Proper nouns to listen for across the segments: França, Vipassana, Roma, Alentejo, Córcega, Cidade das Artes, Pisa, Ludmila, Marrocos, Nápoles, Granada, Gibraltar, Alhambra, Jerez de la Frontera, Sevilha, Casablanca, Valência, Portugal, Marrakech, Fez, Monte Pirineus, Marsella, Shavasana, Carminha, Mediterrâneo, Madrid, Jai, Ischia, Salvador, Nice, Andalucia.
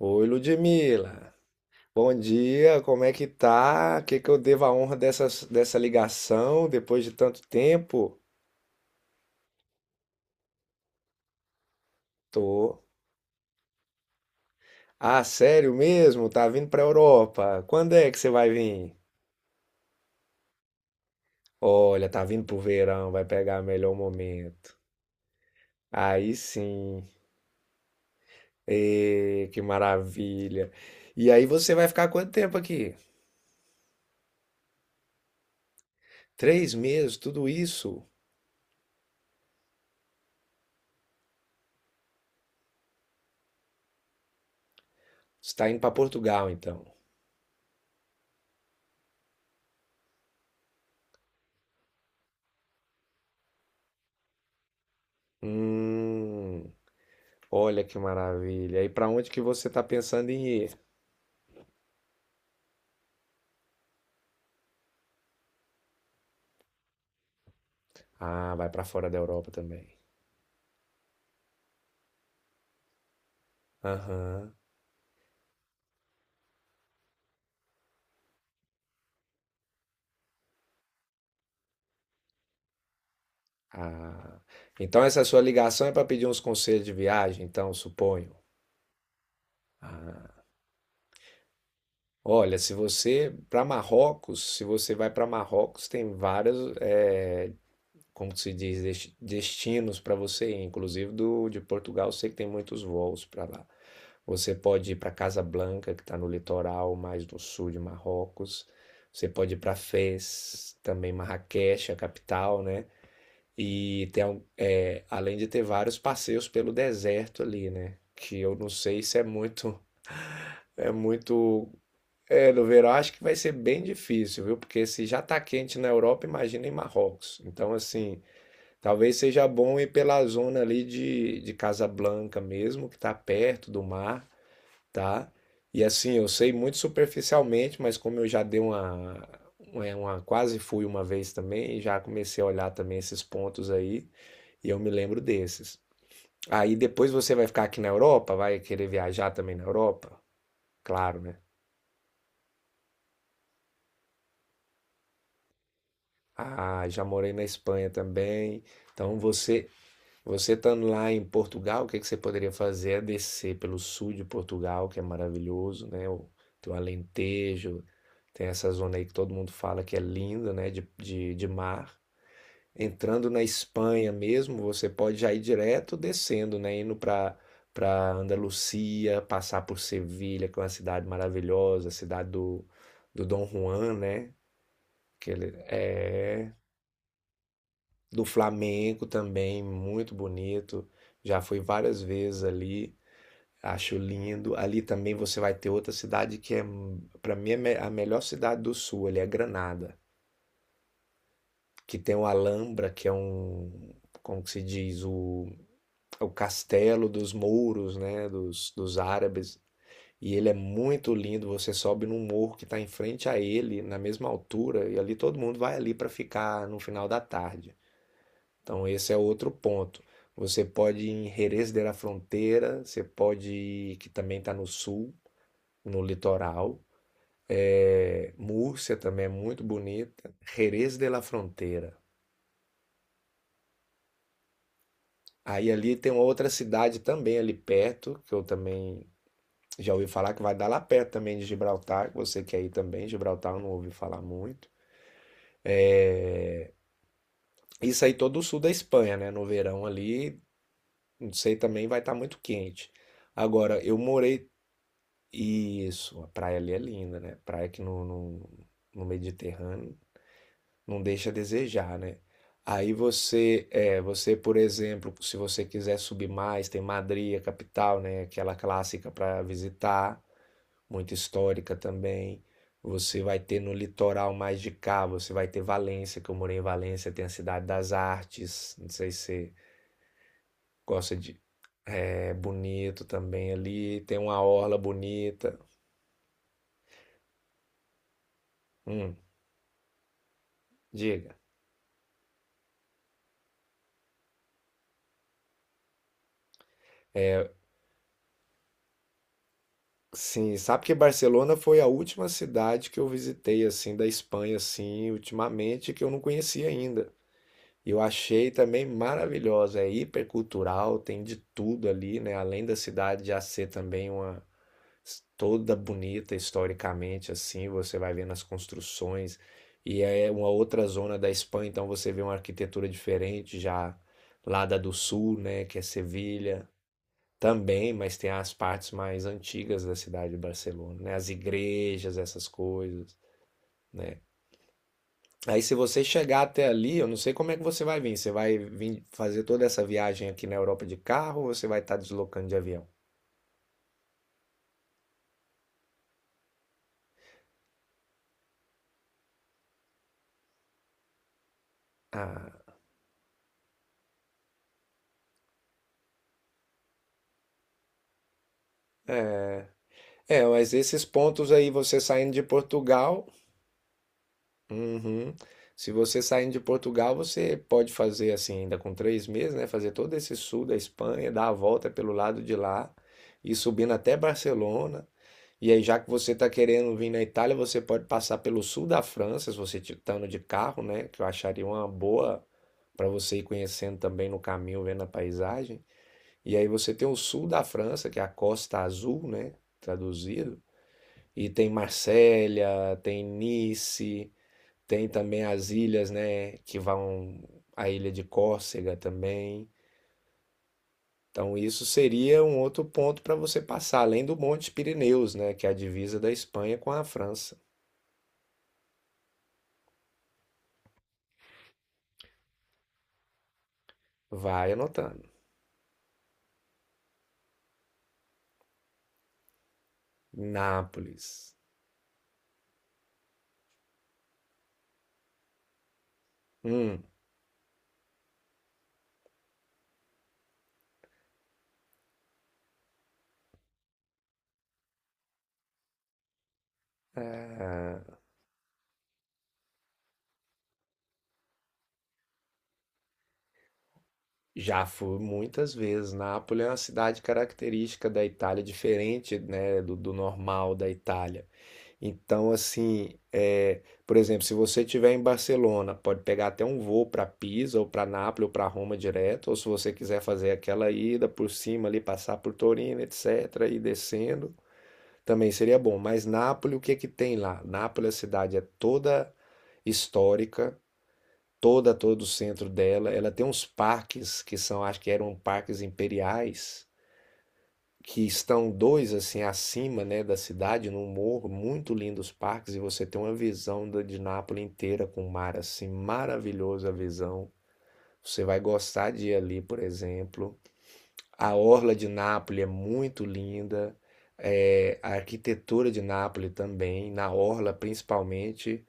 Oi, Ludmila. Bom dia, como é que tá? O que que eu devo a honra dessa ligação depois de tanto tempo? Tô. Ah, sério mesmo? Tá vindo pra Europa? Quando é que você vai vir? Olha, tá vindo pro verão, vai pegar melhor momento. Aí sim. Ê, que maravilha. E aí você vai ficar quanto tempo aqui? 3 meses, tudo isso? Você tá indo pra Portugal, então. Hum. Olha que maravilha. E para onde que você está pensando em ir? Ah, vai para fora da Europa também. Aham. Ah. Então essa sua ligação é para pedir uns conselhos de viagem, então, suponho. Ah. Olha, se você para Marrocos, se você vai para Marrocos, tem vários, como que se diz, destinos para você ir. Inclusive do de Portugal, eu sei que tem muitos voos para lá. Você pode ir para Casablanca, que está no litoral mais do sul de Marrocos. Você pode ir para Fez, também Marrakech, a capital, né? E tem, além de ter vários passeios pelo deserto ali, né? Que eu não sei se é muito, é muito, no verão acho que vai ser bem difícil, viu? Porque se já tá quente na Europa, imagina em Marrocos. Então, assim, talvez seja bom ir pela zona ali de Casablanca mesmo, que tá perto do mar, tá? E assim, eu sei muito superficialmente, mas como eu já dei uma- quase fui uma vez também, já comecei a olhar também esses pontos aí, e eu me lembro desses. Aí depois você vai ficar aqui na Europa, vai querer viajar também na Europa? Claro, né? Ah, já morei na Espanha também. Então você estando lá em Portugal, o que que você poderia fazer é descer pelo sul de Portugal, que é maravilhoso, né? Tem o Alentejo, tem essa zona aí que todo mundo fala que é linda, né? De mar. Entrando na Espanha mesmo, você pode já ir direto descendo, né? Indo para Andalucia, passar por Sevilha, que é uma cidade maravilhosa, a cidade do Dom Juan, né? Que ele é do Flamengo também, muito bonito. Já fui várias vezes ali, acho lindo. Ali também você vai ter outra cidade que é, para mim, a melhor cidade do sul, ali é Granada, que tem o Alhambra, que é um, como que se diz, o castelo dos mouros, né, dos árabes. E ele é muito lindo, você sobe num morro que está em frente a ele, na mesma altura, e ali todo mundo vai ali para ficar no final da tarde. Então, esse é outro ponto. Você pode ir em Jerez de la Frontera, você pode ir, que também está no sul, no litoral. É, Múrcia também é muito bonita. Jerez de la Frontera. Aí ali tem uma outra cidade também ali perto, que eu também já ouvi falar que vai dar lá perto também de Gibraltar, que você quer ir também. Gibraltar eu não ouvi falar muito. Isso aí todo o sul da Espanha, né? No verão ali, não sei, também vai estar muito quente. Agora, eu morei. Isso, a praia ali é linda, né? Praia que no Mediterrâneo não deixa a desejar, né? Aí você, você, por exemplo, se você quiser subir mais, tem Madrid, a capital, né? Aquela clássica para visitar, muito histórica também. Você vai ter no litoral mais de cá, você vai ter Valência, que eu morei em Valência, tem a Cidade das Artes, não sei se você gosta de, é bonito também ali, tem uma orla bonita. Hum, diga. Sim, sabe que Barcelona foi a última cidade que eu visitei assim da Espanha assim, ultimamente que eu não conhecia ainda. E eu achei também maravilhosa, é hipercultural, tem de tudo ali, né? Além da cidade já ser também uma toda bonita historicamente assim, você vai vendo as construções e é uma outra zona da Espanha, então você vê uma arquitetura diferente já lá da do sul, né, que é Sevilha. Também, mas tem as partes mais antigas da cidade de Barcelona, né? As igrejas, essas coisas, né? Aí se você chegar até ali, eu não sei como é que você vai vir. Você vai vir fazer toda essa viagem aqui na Europa de carro ou você vai estar deslocando de avião? Ah, é, mas esses pontos aí, você saindo de Portugal. Uhum. Se você saindo de Portugal, você pode fazer assim, ainda com 3 meses, né? Fazer todo esse sul da Espanha, dar a volta pelo lado de lá e subindo até Barcelona. E aí, já que você está querendo vir na Itália, você pode passar pelo sul da França, se você estando de carro, né? Que eu acharia uma boa para você ir conhecendo também no caminho, vendo a paisagem. E aí você tem o sul da França, que é a Costa Azul, né? Traduzido. E tem Marsella, tem Nice. Tem também as ilhas, né, que vão a ilha de Córcega também. Então isso seria um outro ponto para você passar, além do Monte Pirineus, né, que é a divisa da Espanha com a França. Vai anotando. Nápoles. Hum, ah, Já fui muitas vezes. Nápoles é uma cidade característica da Itália, diferente, né, do normal da Itália. Então, assim, por exemplo, se você estiver em Barcelona, pode pegar até um voo para Pisa ou para Nápoles ou para Roma direto, ou se você quiser fazer aquela ida por cima ali, passar por Torino, etc., e descendo, também seria bom. Mas Nápoles, o que que tem lá? Nápoles, a cidade é toda histórica, toda, todo o centro dela. Ela tem uns parques que são, acho que eram parques imperiais que estão dois assim acima, né, da cidade, num morro, muito lindos parques, e você tem uma visão da, de Nápoles inteira com o mar assim, maravilhosa a visão. Você vai gostar de ir ali, por exemplo. A orla de Nápoles é muito linda. É, a arquitetura de Nápoles também, na orla principalmente,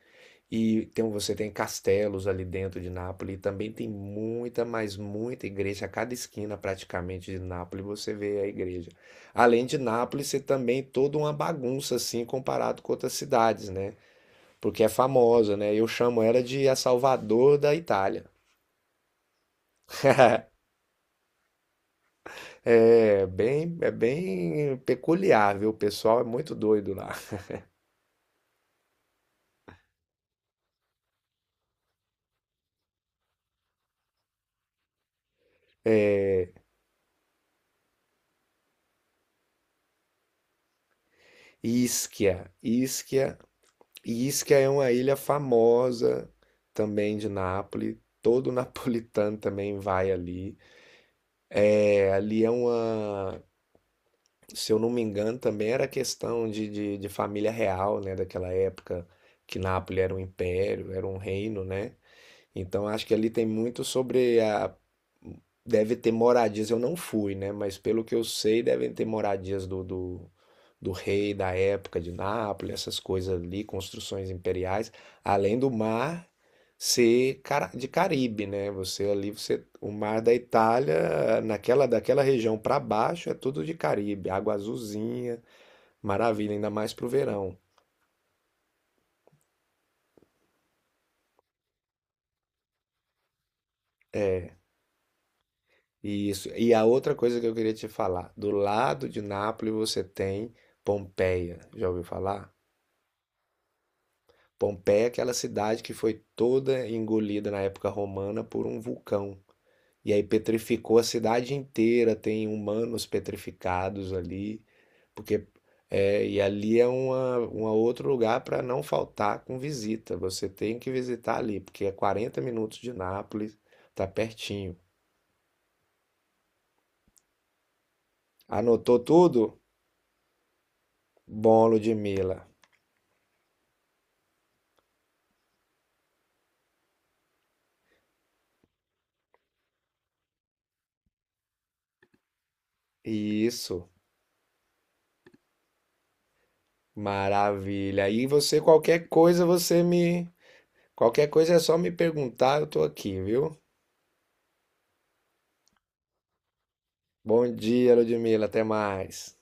e tem, você tem castelos ali dentro de Nápoles, e também tem muita, mas muita igreja. A cada esquina praticamente de Nápoles você vê a igreja. Além de Nápoles, ser também toda uma bagunça assim comparado com outras cidades, né? Porque é famosa, né? Eu chamo ela de a Salvador da Itália. É bem peculiar, viu? O pessoal é muito doido lá. Ischia, Ischia. E isso que é uma ilha famosa também de Nápoles. Todo napolitano também vai ali. É, ali é uma, se eu não me engano, também era questão de família real, né? Daquela época que Nápoles era um império, era um reino, né? Então acho que ali tem muito sobre a. Deve ter moradias, eu não fui, né? Mas pelo que eu sei, devem ter moradias do rei da época de Nápoles, essas coisas ali, construções imperiais, além do mar ser de Caribe, né? Você, o mar da Itália, naquela daquela região para baixo é tudo de Caribe, água azulzinha, maravilha, ainda mais pro verão. É. Isso. E a outra coisa que eu queria te falar, do lado de Nápoles você tem Pompeia. Já ouviu falar? Pompeia é aquela cidade que foi toda engolida na época romana por um vulcão. E aí petrificou a cidade inteira, tem humanos petrificados ali, porque e ali é uma outro lugar para não faltar com visita. Você tem que visitar ali, porque é 40 minutos de Nápoles, tá pertinho. Anotou tudo? Bom, Ludmila. Isso, maravilha. E você, qualquer coisa, você me. Qualquer coisa é só me perguntar, eu tô aqui, viu? Bom dia, Ludmila, até mais.